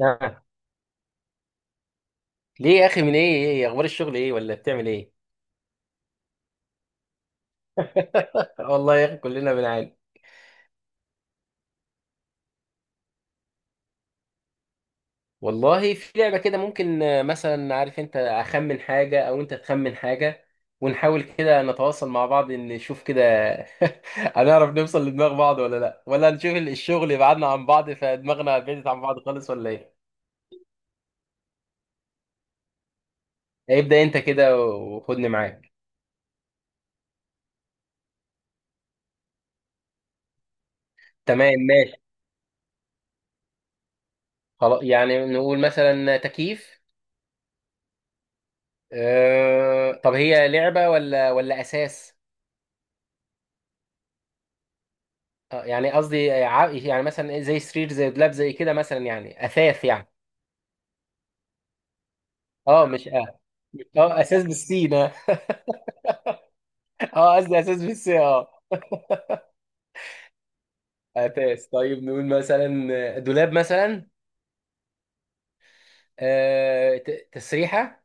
آه. ليه يا اخي، من ايه؟ ايه إيه؟ اخبار الشغل ايه ولا بتعمل ايه؟ آه والله يا اخي كلنا بنعاني. والله في لعبه كده ممكن، آه، مثلا عارف انت اخمن حاجه او انت تخمن حاجه، ونحاول كده نتواصل مع بعض إن نشوف كده. هنعرف نوصل لدماغ بعض ولا لا، ولا نشوف الشغل يبعدنا عن بعض فدماغنا بعدت عن بعض خالص ولا ايه؟ ابدا انت كده وخدني معاك. تمام، ماشي. خلاص، يعني نقول مثلا تكييف. طب هي لعبه ولا ولا اساس؟ آه، يعني قصدي يعني مثلا إيه، زي سرير، زي دولاب، زي كده مثلا، يعني اثاث يعني. اه مش اه. اه اساس بالسين اه. آه، قصدي اساس بالسين اه. اساس. طيب نقول مثلا دولاب مثلا. آه تسريحه.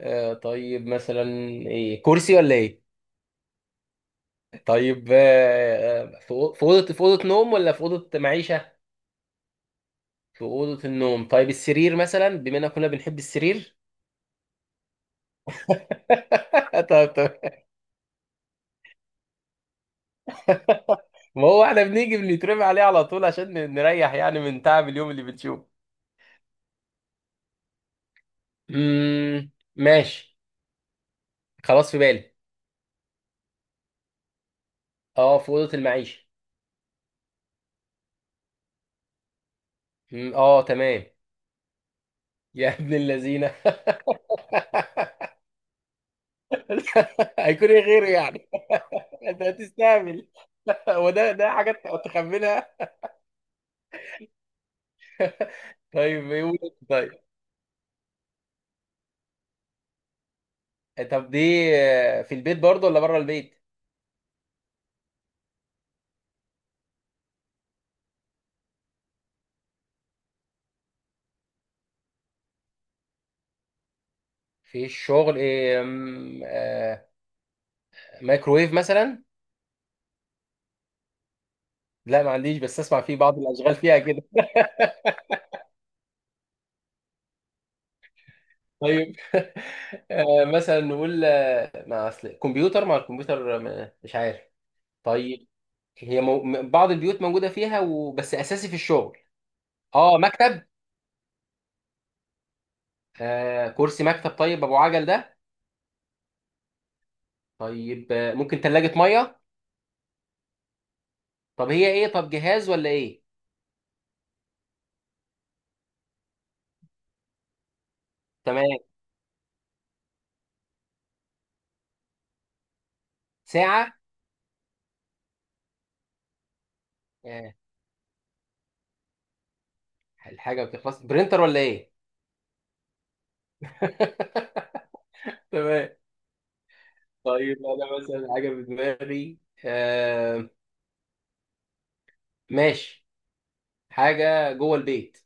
آه طيب مثلا، ايه كرسي ولا ايه؟ طيب آه، في في اوضه، في اوضه نوم ولا في اوضه معيشه؟ في اوضه النوم. طيب السرير مثلا، بما اننا كنا بنحب السرير. طب طب. ما هو احنا بنيجي بنترمي عليه على طول عشان نريح يعني من تعب اليوم اللي بنشوفه. ماشي. خلاص، في بالي. اه، في اوضه المعيشه. اه تمام. يا ابن اللذينه. هيكون ايه غيره يعني؟ انت هتستعمل. هو ده ده حاجه تخمنها؟ طيب يقول. طيب. طب دي، آه، في البيت برضه ولا بره البيت؟ في الشغل إيه؟ أم، آه، مايكرويف مثلا؟ لا ما عنديش، بس اسمع فيه بعض الاشغال فيها. طيب. آه، مثلا نقول آه، مع اصل كمبيوتر، مع الكمبيوتر، مش عارف. طيب هي بعض البيوت موجوده فيها وبس اساسي في الشغل؟ اه، مكتب؟ آه كرسي مكتب؟ طيب ابو عجل ده؟ طيب آه، ممكن ثلاجه ميه؟ طب هي ايه، طب جهاز ولا ايه؟ تمام. ساعه؟ آه. الحاجه بتخلص، برينتر ولا ايه؟ تمام. طيب انا مثلا حاجه في دماغي. آه ماشي. حاجه جوه البيت.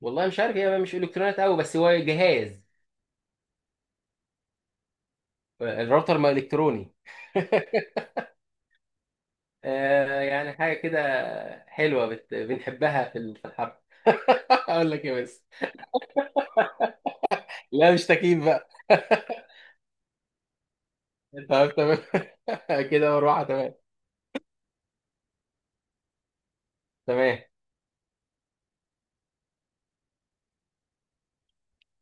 والله مش عارف، هي مش الكترونيات قوي بس هو جهاز. الراوتر ما الكتروني. آه، يعني حاجه كده بنحبها في في الحرب. اقول لك ايه بس. لا مش تكييف بقى. طب تمام. كده، مروحه، تمام. تمام.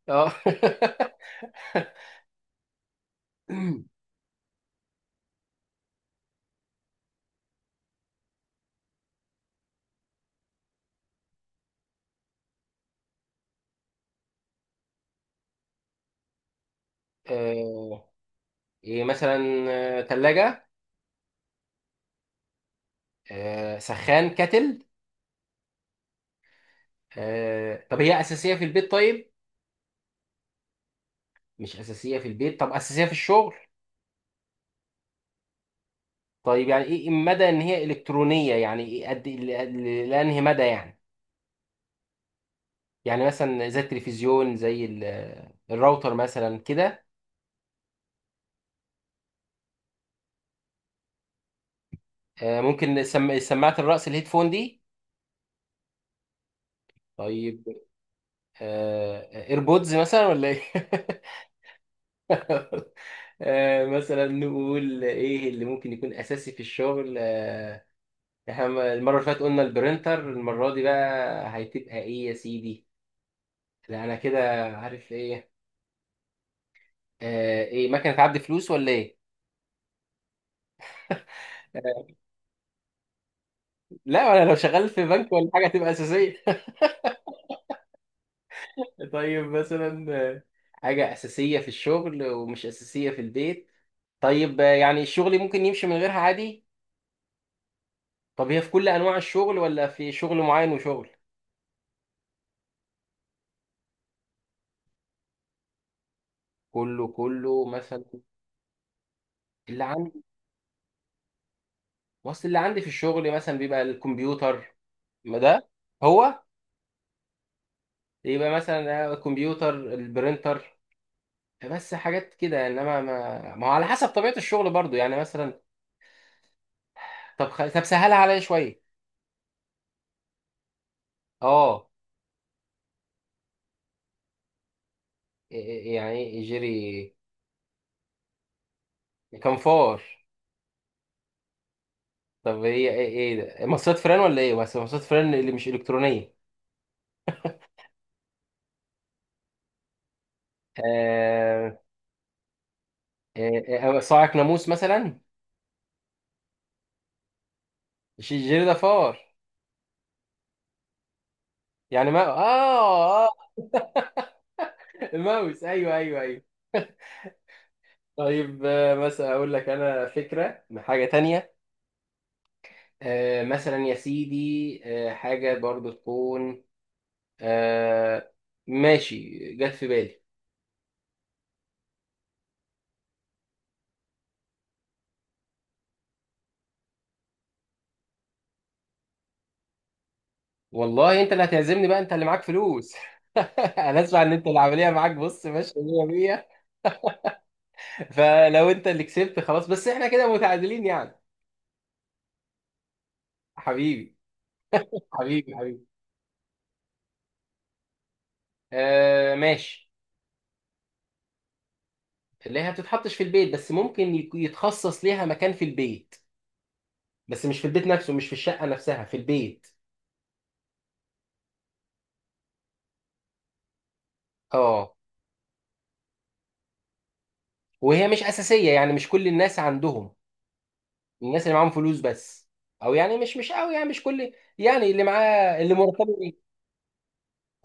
اه. آه، ايه مثلا؟ ثلاجه؟ سخان كتل؟ آه، طب هي اساسيه في البيت طيب؟ مش اساسيه في البيت، طب اساسيه في الشغل؟ طيب يعني ايه مدى ان هي الكترونيه، يعني ايه قد إيه؟ لانهي مدى يعني، يعني مثلا زي التلفزيون، زي الراوتر مثلا كده. آه، ممكن سماعه الراس، الهيدفون دي؟ طيب آه، ايربودز مثلا ولا ايه؟ آه، مثلا نقول ايه اللي ممكن يكون اساسي في الشغل؟ آه، احنا المره اللي فاتت قلنا البرينتر، المره دي بقى هتبقى ايه يا سيدي؟ لا انا كده عارف ايه. آه، ايه مكنه عد فلوس ولا ايه؟ لا انا لو شغال في بنك ولا حاجه هتبقى اساسيه. طيب مثلا آه، حاجه اساسيه في الشغل ومش اساسيه في البيت؟ طيب آه، يعني الشغل ممكن يمشي من غيرها عادي؟ طب هي في كل انواع الشغل ولا في شغل معين وشغل؟ كله كله مثلا؟ اللي عندي، وصل اللي عندي في الشغل مثلا بيبقى الكمبيوتر. ما ده هو. يبقى مثلا آه، الكمبيوتر، البرينتر، بس حاجات كده، انما ما هو على حسب طبيعه الشغل برضو يعني مثلا. طب سهلها عليا شويه. اه. يعني ايه، يعني يجري؟ كنفار. طب هي ايه، ايه ده، مصاصات فران ولا ايه؟ بس مصاصات فران اللي مش الكترونيه. آه. آه آه، صاعق ناموس مثلا؟ مش الجري ده فار؟ يعني ما اه. الماوس، ايوه ايوه ايوه. طيب آه مثلا اقول لك انا فكره من حاجه تانية. آه مثلا يا سيدي آه، حاجه برضو تكون، آه، ماشي، جت في بالي. والله انت اللي هتعزمني بقى، انت اللي معاك فلوس. انا اسمع ان انت العمليه معاك بص ماشيه 100 100. فلو انت اللي كسبت خلاص، بس احنا كده متعادلين يعني. حبيبي. حبيبي حبيبي. آه ماشي. اللي هي بتتحطش في البيت بس ممكن يتخصص ليها مكان في البيت، بس مش في البيت نفسه، مش في الشقه نفسها في البيت. اه. وهي مش اساسيه، يعني مش كل الناس عندهم. الناس اللي معاهم فلوس بس. او يعني مش قوي يعني، مش كل يعني اللي معاه، اللي مرتبه.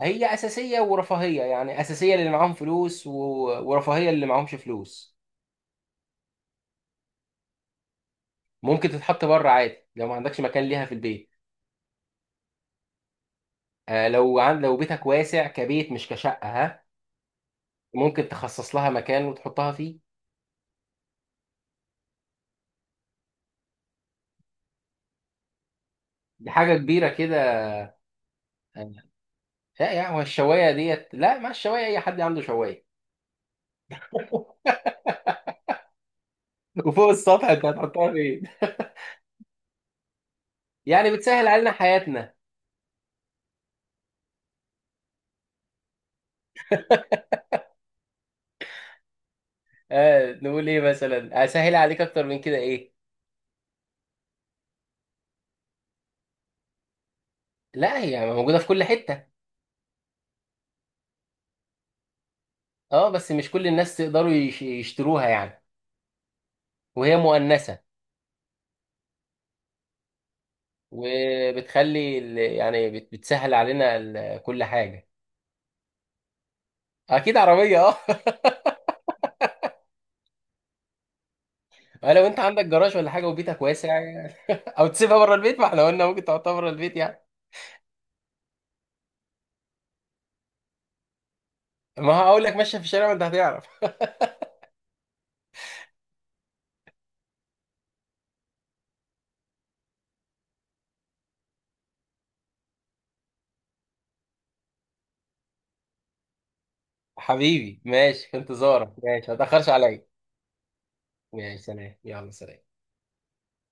هي اساسيه ورفاهيه يعني، اساسيه للي معاهم فلوس و... ورفاهيه للي معاهمش فلوس. ممكن تتحط بره عادي لو ما عندكش مكان ليها في البيت. آه لو لو بيتك واسع كبيت مش كشقه ها. ممكن تخصص لها مكان وتحطها فيه. دي حاجه كبيره كده. آه، لا يا هو الشوايه ديت، لا ما الشوايه اي حد عنده شوايه. وفوق السطح انت هتحطها فين؟ يعني بتسهل علينا حياتنا. آه نقول ايه مثلا، اسهل عليك اكتر من كده ايه؟ لا هي موجوده في كل حته. اه بس مش كل الناس تقدروا يشتروها يعني. وهي مؤنثة. وبتخلي يعني بتسهل علينا كل حاجة. اكيد عربية اه. لو انت عندك جراج ولا حاجة وبيتك واسع يعني. او تسيبها بره البيت، ما احنا قلنا ممكن تحطها بره البيت يعني. ما هقول لك ماشية في الشارع ما انت هتعرف. حبيبي ماشي، في انتظارك، ماشي ما تاخرش عليا. ماشي، سلام، يلا سلام.